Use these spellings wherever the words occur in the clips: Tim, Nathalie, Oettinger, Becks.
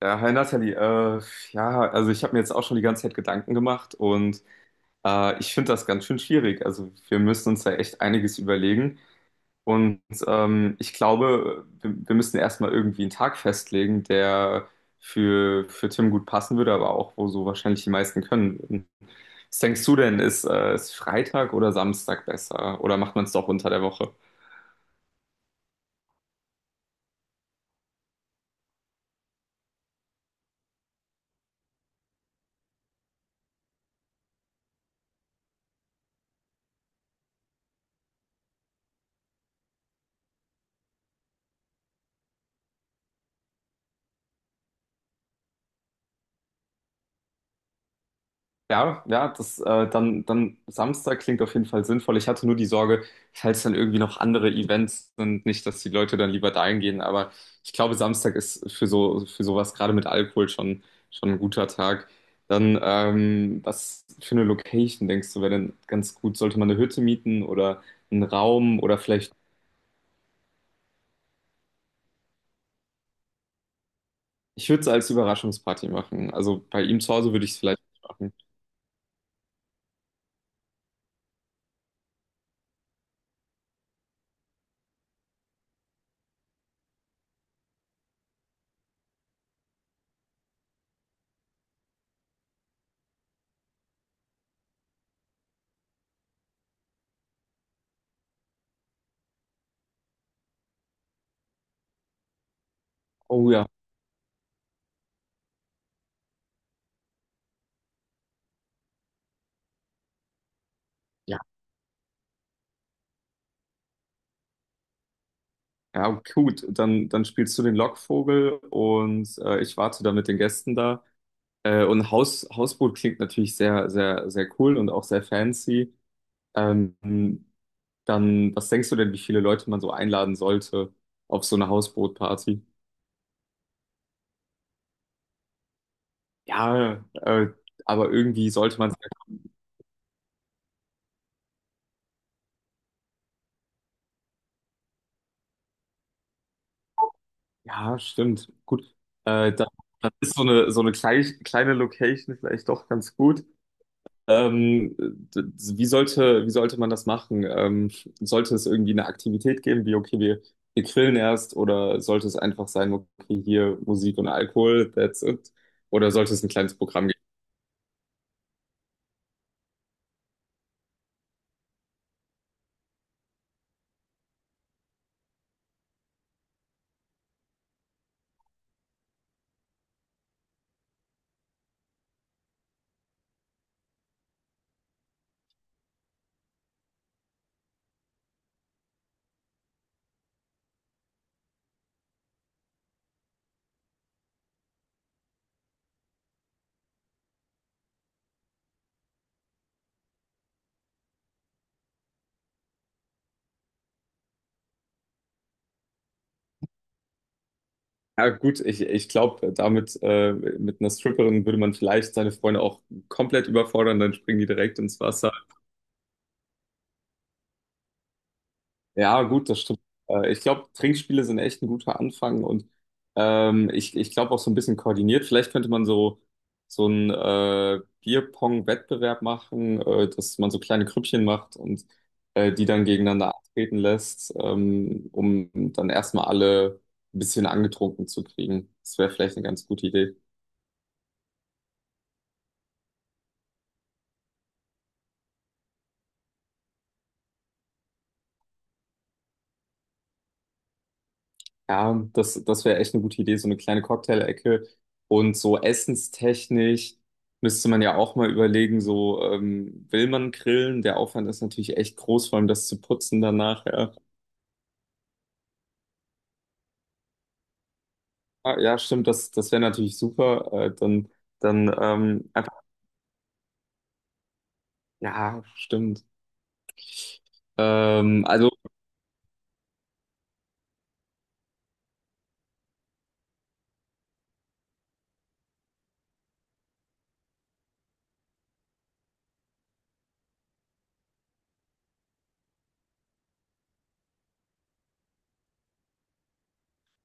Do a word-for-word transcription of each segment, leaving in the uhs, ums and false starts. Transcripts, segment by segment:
Ja, hi Nathalie, äh, ja, also ich habe mir jetzt auch schon die ganze Zeit Gedanken gemacht und äh, ich finde das ganz schön schwierig. Also wir müssen uns da echt einiges überlegen und ähm, ich glaube, wir, wir müssen erstmal irgendwie einen Tag festlegen, der für, für Tim gut passen würde, aber auch wo so wahrscheinlich die meisten können würden. Was denkst du denn, ist, äh, ist Freitag oder Samstag besser oder macht man es doch unter der Woche? Ja, ja, das äh, dann, dann Samstag klingt auf jeden Fall sinnvoll. Ich hatte nur die Sorge, falls dann irgendwie noch andere Events sind, nicht, dass die Leute dann lieber dahin gehen. Aber ich glaube, Samstag ist für so für sowas gerade mit Alkohol schon schon ein guter Tag. Dann ähm, was für eine Location denkst du, wäre denn ganz gut? Sollte man eine Hütte mieten oder einen Raum oder vielleicht? Ich würde es als Überraschungsparty machen. Also bei ihm zu Hause würde ich es vielleicht machen. Oh ja. Ja, gut, dann, dann spielst du den Lockvogel und äh, ich warte dann mit den Gästen da. Äh, und Haus, Hausboot klingt natürlich sehr, sehr, sehr cool und auch sehr fancy. Ähm, Dann, was denkst du denn, wie viele Leute man so einladen sollte auf so eine Hausbootparty? Ja, äh, aber irgendwie sollte man sagen, ja, stimmt, gut. Äh, dann, dann ist so eine, so eine kleine, kleine Location vielleicht doch ganz gut. Ähm, d- d- wie sollte, wie sollte man das machen? Ähm, sollte es irgendwie eine Aktivität geben, wie, okay, wir, wir grillen erst, oder sollte es einfach sein, okay, hier Musik und Alkohol, that's it? Oder sollte es ein kleines Programm geben? Ja, gut, ich, ich glaube, damit, äh, mit einer Stripperin würde man vielleicht seine Freunde auch komplett überfordern, dann springen die direkt ins Wasser. Ja, gut, das stimmt. Äh, Ich glaube, Trinkspiele sind echt ein guter Anfang und ähm, ich, ich glaube auch so ein bisschen koordiniert. Vielleicht könnte man so, so einen äh, Bierpong-Wettbewerb machen, äh, dass man so kleine Grüppchen macht und äh, die dann gegeneinander antreten lässt, ähm, um dann erstmal alle ein bisschen angetrunken zu kriegen. Das wäre vielleicht eine ganz gute Idee. Ja, das, das wäre echt eine gute Idee, so eine kleine Cocktail-Ecke. Und so essenstechnisch müsste man ja auch mal überlegen, so ähm, will man grillen? Der Aufwand ist natürlich echt groß, vor allem das zu putzen danach. Ja, Ah, ja stimmt, das, das wäre natürlich super. Äh, dann dann ähm, einfach, ja, stimmt. Ähm, also,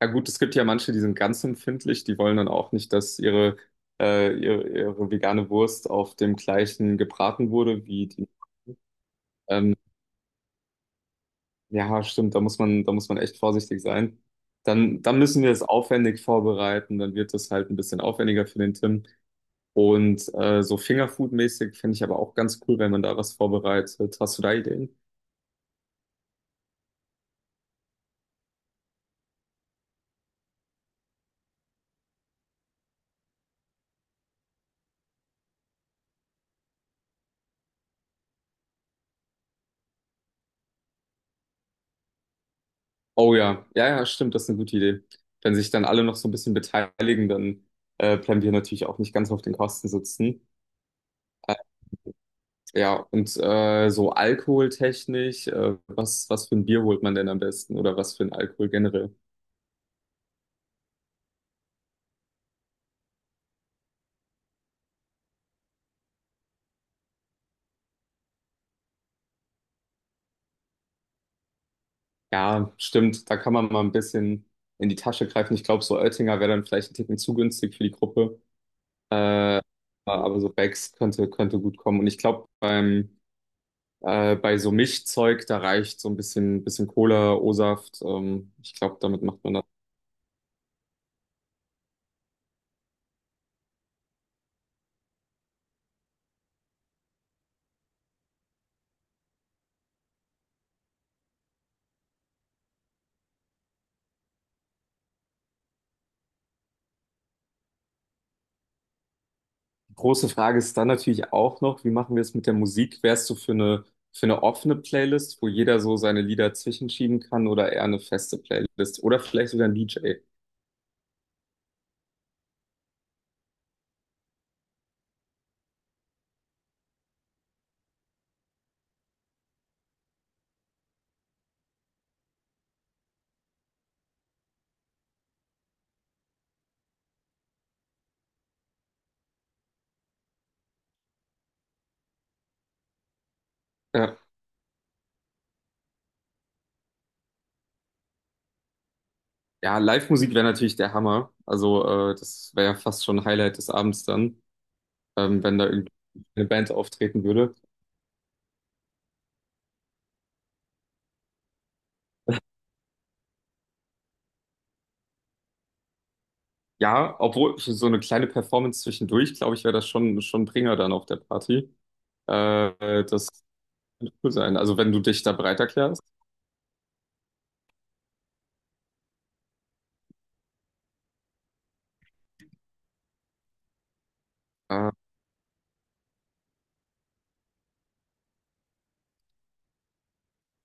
ja gut, es gibt ja manche, die sind ganz empfindlich, die wollen dann auch nicht, dass ihre, äh, ihre, ihre vegane Wurst auf dem gleichen gebraten wurde wie die. ähm, Ja, stimmt, da muss man, da muss man echt vorsichtig sein. Dann, dann müssen wir es aufwendig vorbereiten, dann wird es halt ein bisschen aufwendiger für den Tim. Und äh, so Fingerfood-mäßig finde ich aber auch ganz cool, wenn man da was vorbereitet. Hast du da Ideen? Oh ja, ja, ja, stimmt, das ist eine gute Idee. Wenn sich dann alle noch so ein bisschen beteiligen, dann äh, bleiben wir natürlich auch nicht ganz auf den Kosten sitzen. Äh, ja, und äh, so alkoholtechnisch, äh, was, was für ein Bier holt man denn am besten oder was für ein Alkohol generell? Ja, stimmt. Da kann man mal ein bisschen in die Tasche greifen. Ich glaube, so Oettinger wäre dann vielleicht ein Ticken zu günstig für die Gruppe. Äh, aber so Becks könnte, könnte gut kommen. Und ich glaube, beim, äh, bei so Mischzeug, da reicht so ein bisschen, bisschen Cola, O-Saft. Ähm, ich glaube, damit macht man das. Große Frage ist dann natürlich auch noch, wie machen wir es mit der Musik? Wärst du für eine, für eine offene Playlist, wo jeder so seine Lieder zwischenschieben kann oder eher eine feste Playlist oder vielleicht sogar ein D J? Ja, Live-Musik wäre natürlich der Hammer. Also, äh, das wäre ja fast schon ein Highlight des Abends dann, ähm, wenn da irgendwie eine Band auftreten würde. Ja, obwohl für so eine kleine Performance zwischendurch, glaube ich, wäre das schon, schon ein Bringer dann auf der Party. Äh, das wird cool sein. Also, wenn du dich da bereit erklärst. Äh,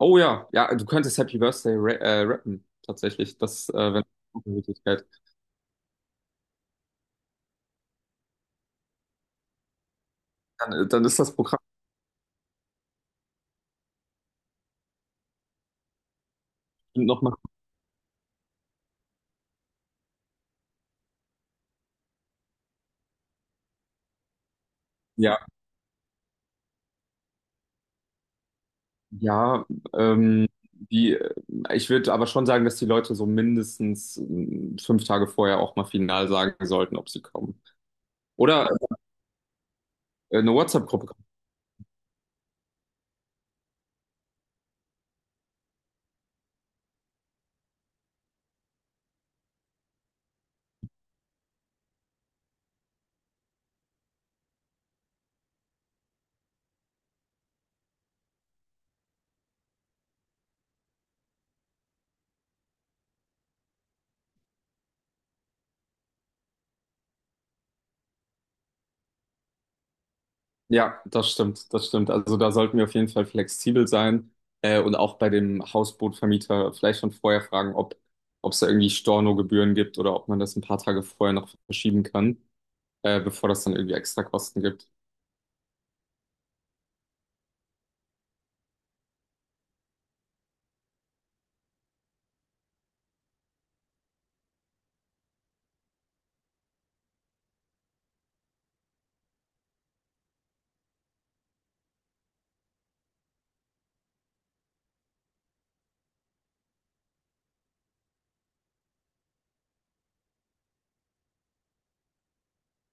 oh ja, ja, du könntest Happy Birthday ra äh, rappen, tatsächlich. Das äh, wäre eine Möglichkeit. Dann, äh, dann ist das Programm bestimmt noch mal. Ja, ähm, die, äh, ich würde aber schon sagen, dass die Leute so mindestens ähm, fünf Tage vorher auch mal final sagen sollten, ob sie kommen. Oder äh, eine WhatsApp-Gruppe. Ja, das stimmt, das stimmt. Also da sollten wir auf jeden Fall flexibel sein äh, und auch bei dem Hausbootvermieter vielleicht schon vorher fragen, ob ob es da irgendwie Stornogebühren gibt oder ob man das ein paar Tage vorher noch verschieben kann, äh, bevor das dann irgendwie extra Kosten gibt.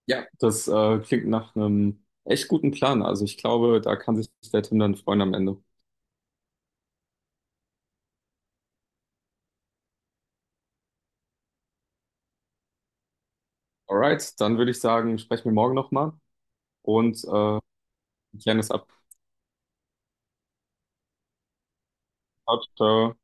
Ja, das äh, klingt nach einem echt guten Plan. Also ich glaube, da kann sich der Tim dann freuen am Ende. Alright, dann würde ich sagen, sprechen wir morgen nochmal und äh, klären das ab. Ciao, ciao.